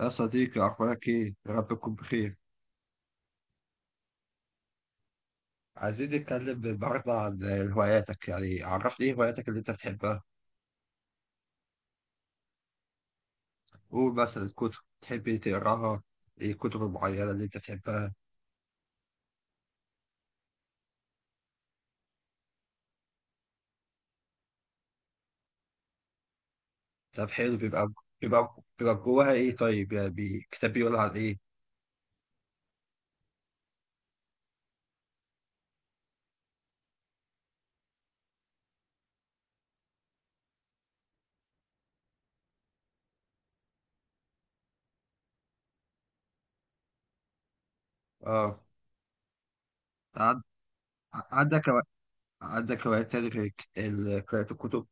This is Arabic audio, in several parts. يا صديقي أخبارك إيه؟ يا رب تكون بخير، عايزين نتكلم النهاردة عن هواياتك، يعني عرفني إيه هواياتك اللي أنت بتحبها، قول مثلا الكتب، تحب تقراها، إيه الكتب المعينة اللي أنت بتحبها، طب حلو بيبقى جواها إيه طيب؟ يعني كتاب بيقول عن إيه؟ آه عن- عندك هوا- عندك هوايات تاني غير قراءة الكتب،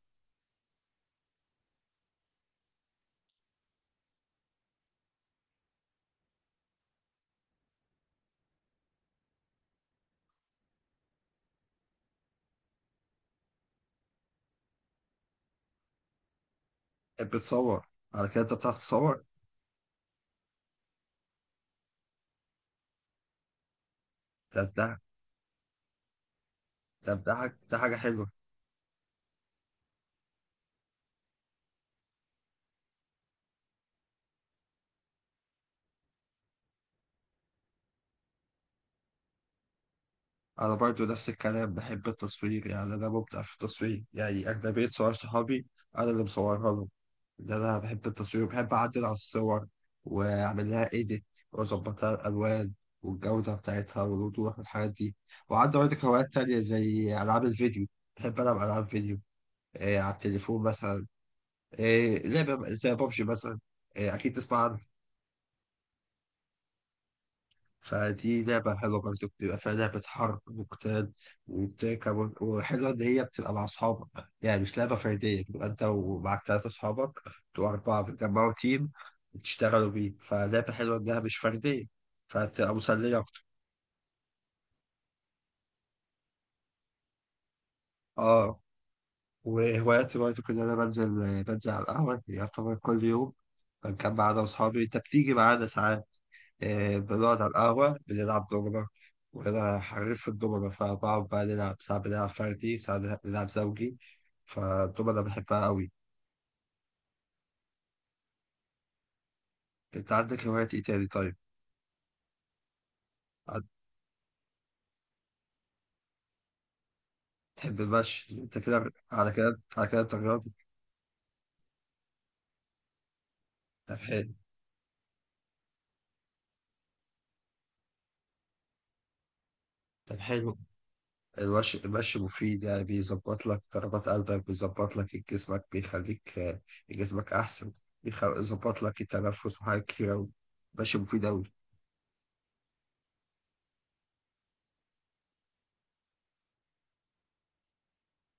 بتصور، على كده أنت بتعرف تصور؟ طب ده طب ده حاجة ده حاجة حلوة. انا برضو نفس الكلام بحب التصوير، يعني انا مبدع في التصوير، يعني اغلبيه صور صحابي انا اللي مصورها لهم. انا بحب التصوير وبحب اعدل على الصور واعمل لها ايديت واظبط لها الالوان والجوده بتاعتها والوضوح والحاجات دي. وعندي برضك هوايات تانية زي العاب الفيديو، بحب العب العاب فيديو. إيه، على التليفون مثلا إيه لعبه زي بابجي مثلا، إيه اكيد تسمع عنها. فدي لعبة حلوة برضه، بتبقى فيها لعبة حرب وقتال وبتركب، وحلوة إن هي بتبقى مع أصحابك، يعني مش لعبة فردية، بتبقى أنت ومعك تلاتة أصحابك بتبقوا أربعة بتجمعوا تيم وتشتغلوا بيه، فلعبة حلوة إنها مش فردية، فبتبقى مسلية أكتر. أه. وهواياتي برضه كنت أنا بنزل على القهوة يعتبر كل يوم، بنجمع أنا وأصحابي، أنت بتيجي معانا ساعات. آه، بنقعد على القهوة بنلعب دومنة، وأنا حريف في الدومنة، فبقعد بقى نلعب ساعات، بنلعب فردي ساعات بنلعب زوجي، فالدومنة بحبها أوي. أنت عندك هوايات إيه تاني طيب؟ عن- تحب المشي؟ أنت كده، على كده على كده أنت رياضي. طب حلو. طب حلو. المشي، المشي مفيد، يعني بيظبط لك ضربات قلبك، بيظبط لك جسمك، بيخليك آه، جسمك أحسن. بيظبط لك التنفس وحاجات كتير أوي. المشي مفيد أوي.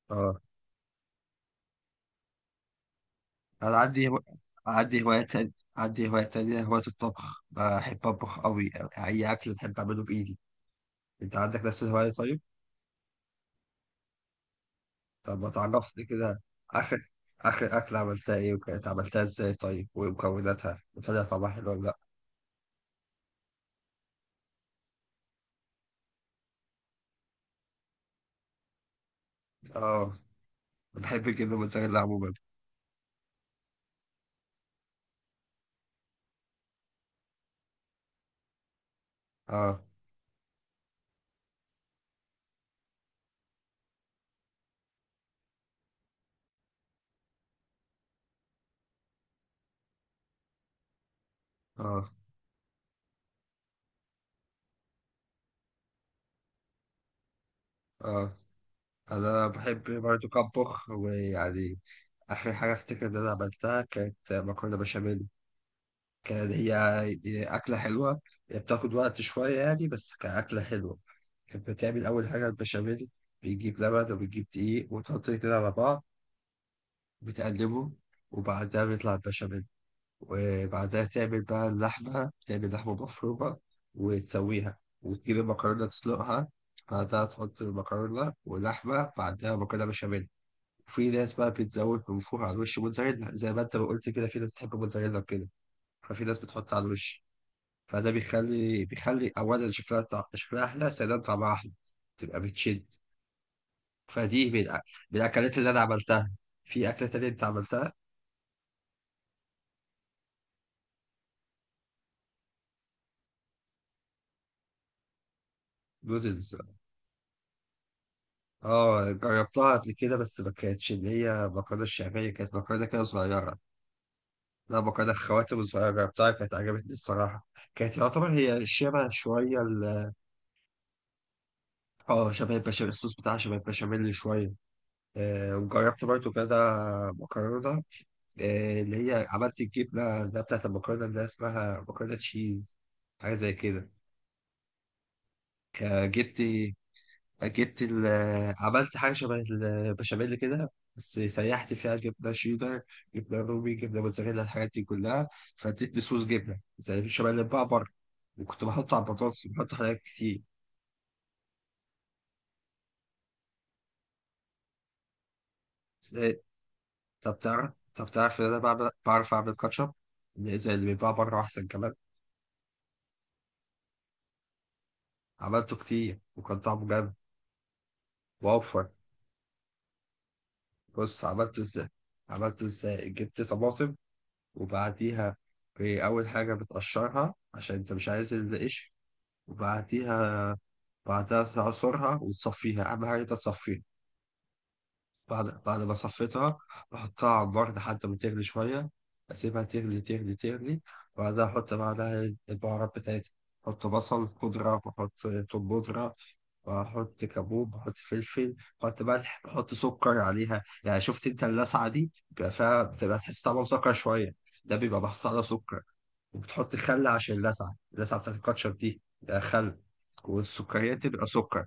اه. انا عندي هو... عندي هواية تانية، هواية الطبخ، بحب أطبخ أوي، أي أكل بحب أعمله بإيدي. أنت عندك نفس الهواية طيب؟ طب ما تعرفني كده، آخر آخر أكلة عملتها إيه؟ وكانت عملتها إزاي طيب؟ ومكوناتها؟ وطلع طعمها حلو ولا لأ؟ آه، بحب الجبنة الموتزاريلا عموما. آه. آه. آه، أنا بحب برضه أطبخ، ويعني آخر حاجة أفتكر إن أنا عملتها كانت مكرونة بشاميل. كان هي هي أكلة حلوة، هي بتاخد وقت شوية يعني، بس كأكلة حلوة. كانت بتعمل أول حاجة البشاميل، بيجيب لبن وبيجيب دقيق وتحط كده على بعض، بتقلبه، وبعدها بيطلع البشاميل. وبعدها تعمل بقى اللحمة، تعمل لحمة مفرومة وتسويها، وتجيب المكرونة تسلقها، بعدها تحط المكرونة ولحمة، بعدها مكرونة بشاميل. وفي ناس بقى بتزود من فوق على الوش موتزاريلا زي ما انت ما قلت كده، في ناس بتحب موتزاريلا وكده، ففي ناس بتحط على الوش، فده بيخلي بيخلي اولا شكلها شكلها احلى، ثانيا طعمها احلى، تبقى بتشد. فدي من الأ- من الاكلات اللي انا عملتها. في اكله تانية انت عملتها، نودلز. اه، جربتها قبل كده، بس ما كانتش اللي هي مكرونه الشعبيه، كانت مكرونه كده صغيره، لا مكرونه خواتم صغيره، جربتها كانت عجبتني الصراحه. كانت يعتبر هي شبه شويه اه شبه البشاميل، الصوص بتاعها شبه البشاميل شويه. آه، وجربت برضو كده مكرونه، آه، اللي هي عملت الجبنة اللي هي بتاعت المكرونة اللي هي اسمها مكرونة تشيز، حاجة زي كده. ك- جبت جبت عملت حاجة شبه البشاميل كده، بس سيحت فيها جبنة شيدر، جبنة رومي، جبنة موتزاريلا، الحاجات دي كلها، فادتني صوص جبنة زي البشاميل اللي بقى بره. وكنت بحط على البطاطس، بحط حاجات كتير بس إيه، طب تعرف إن أنا بعرف أعمل كاتشب اللي زي اللي بيتباع بره، أحسن كمان. عملته كتير وكان طعمه جامد، وأوفر. بص عملته ازاي، جبت طماطم، وبعديها في اول حاجه بتقشرها عشان انت مش عايز القشر، وبعديها بعدها تعصرها وتصفيها، اهم حاجه انت تصفيها. بعد ما صفيتها بحطها على النار لحد ما تغلي شويه، اسيبها تغلي تغلي، وبعدها احط بعدها البهارات بتاعتي، احط بصل خضره واحط توم بودره، واحط كابوب، بحط فلفل، بحط ملح، بحط سكر عليها، يعني شفت انت اللسعه دي بيبقى فيها بتبقى تحس طعمها مسكر شويه، ده بيبقى محطوط عليها سكر. وبتحط خل عشان اللسعه، اللسعه بتاعت الكاتشب دي ده خل، والسكريات تبقى سكر.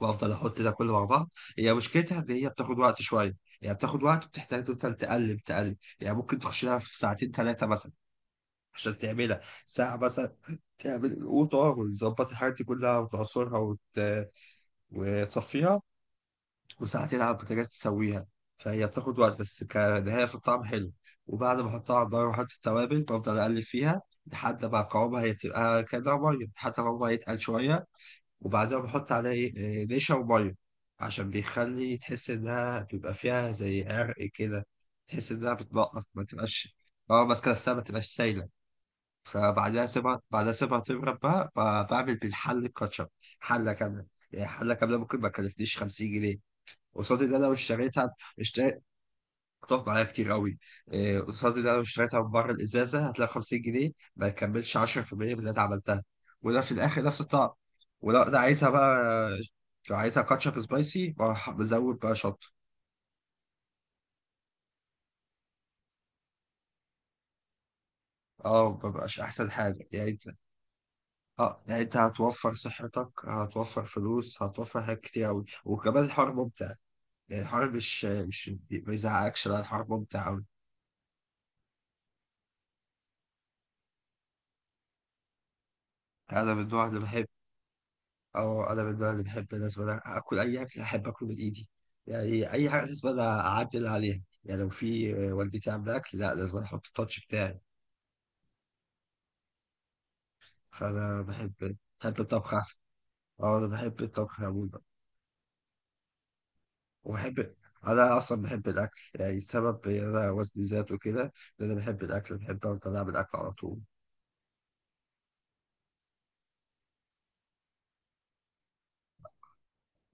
وافضل احط ده كله مع بعض. هي مشكلتها ان هي بتاخد وقت شويه، يعني بتاخد وقت وبتحتاج تفضل تقلب، يعني ممكن تخش لها في ساعتين ثلاثه مثلا عشان تعملها ساعه مثلا، تعمل القوطه وتظبط الحاجات دي كلها وتعصرها وتصفيها، وساعتين على البوتاجاز تسويها، فهي بتاخد وقت، بس كنهاية في الطعم حلو. وبعد ما احطها على النار واحط التوابل، بفضل اقلب فيها لحد ما قوامها، هي بتبقى كأنها مية، لحد ما قوامها يتقل شوية، وبعدها بحط عليها إيه، إيه، نشا ومية، عشان بيخلي تحس إنها بيبقى فيها زي عرق كده، تحس إنها بتنقط ما تبقاش. اه ماسكة نفسها ما تبقاش سايلة. فبعدها سيبها بعدها سيبها تبرد بقى، بعمل بالحل الكاتشب، حلة كاملة. يعني حلة كاملة ممكن ما تكلفنيش 50 جنيه، قصاد اللي انا لو اشتريتها اشتريت، هتقف معايا كتير قوي. إيه، قصاد اللي انا لو اشتريتها من بره الازازه هتلاقي 50 جنيه ما يكملش 10% من اللي انا عملتها، وده في الاخر نفس الطعم. ولو انا عايزها بقى، لو عايزها كاتشب سبايسي بروح بزود بقى شطه. اه مبقاش احسن حاجه يعني انت. اه يعني انت هتوفر صحتك، هتوفر فلوس، هتوفر حاجات كتير قوي، وكمان الحوار ممتع، يعني الحوار مش ما يزعقكش، لا الحوار ممتع قوي. انا من النوع اللي بحب اه انا من النوع اللي بحب لازم اكل اي اكل احب اكله من ايدي، يعني اي حاجه لازم انا اعدل عليها، يعني لو في والدتي عامله اكل، لا لازم أنا احط التاتش بتاعي. فانا بحب الطبخ احسن. اه انا بحب الطبخ عموما. وبحب، انا اصلا بحب الاكل، يعني السبب إن انا وزني زاد وكده ان انا بحب الاكل، بحب افضل اعمل اكل على طول.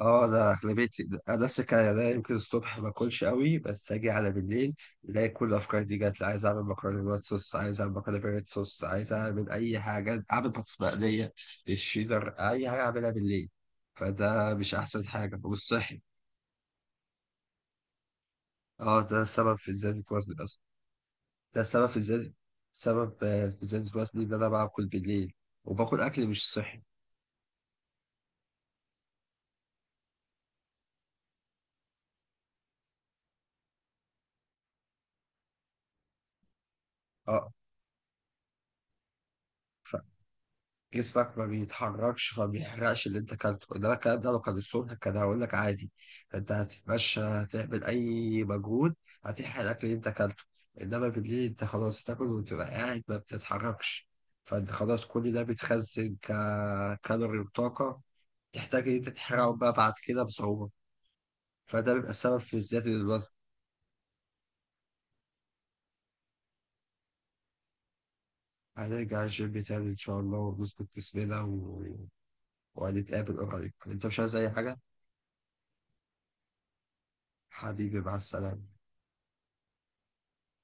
اه ده اغلبيتي، ده السكاية ده، يمكن الصبح ما اكلش قوي، بس اجي على بالليل الاقي كل الافكار دي جات لي، عايز اعمل مكرونه بالوايت صوص، عايز اعمل مكرونه بالريد صوص، عايز اعمل اي حاجه، اعمل بطاطس مقليه، الشيدر، اي حاجه اعملها بالليل، فده مش احسن حاجه، مش صحي. اه ده سبب في زياده وزني اصلا. ده سبب في زياده سبب آه، في زياده وزني ان انا باكل بالليل، وباكل اكل مش صحي. اه، جسمك ما بيتحركش، فما بيحرقش اللي انت كلته، انما الكلام ده لو كان الصبح كان هقول لك عادي، انت هتتمشى، هتعمل اي مجهود، هتحرق الاكل اللي انت كلته، انما بالليل انت خلاص تاكل وتبقى قاعد ما بتتحركش، فانت خلاص كل ده بيتخزن ككالوري وطاقة، تحتاج ان انت تحرقه بقى بعد كده بصعوبة، فده بيبقى السبب في زيادة الوزن. هنرجع الجيم تاني إن شاء الله، ونظبط جسمنا وهنتقابل قريب. أنت مش عايز أي حاجة؟ حبيبي مع السلامة.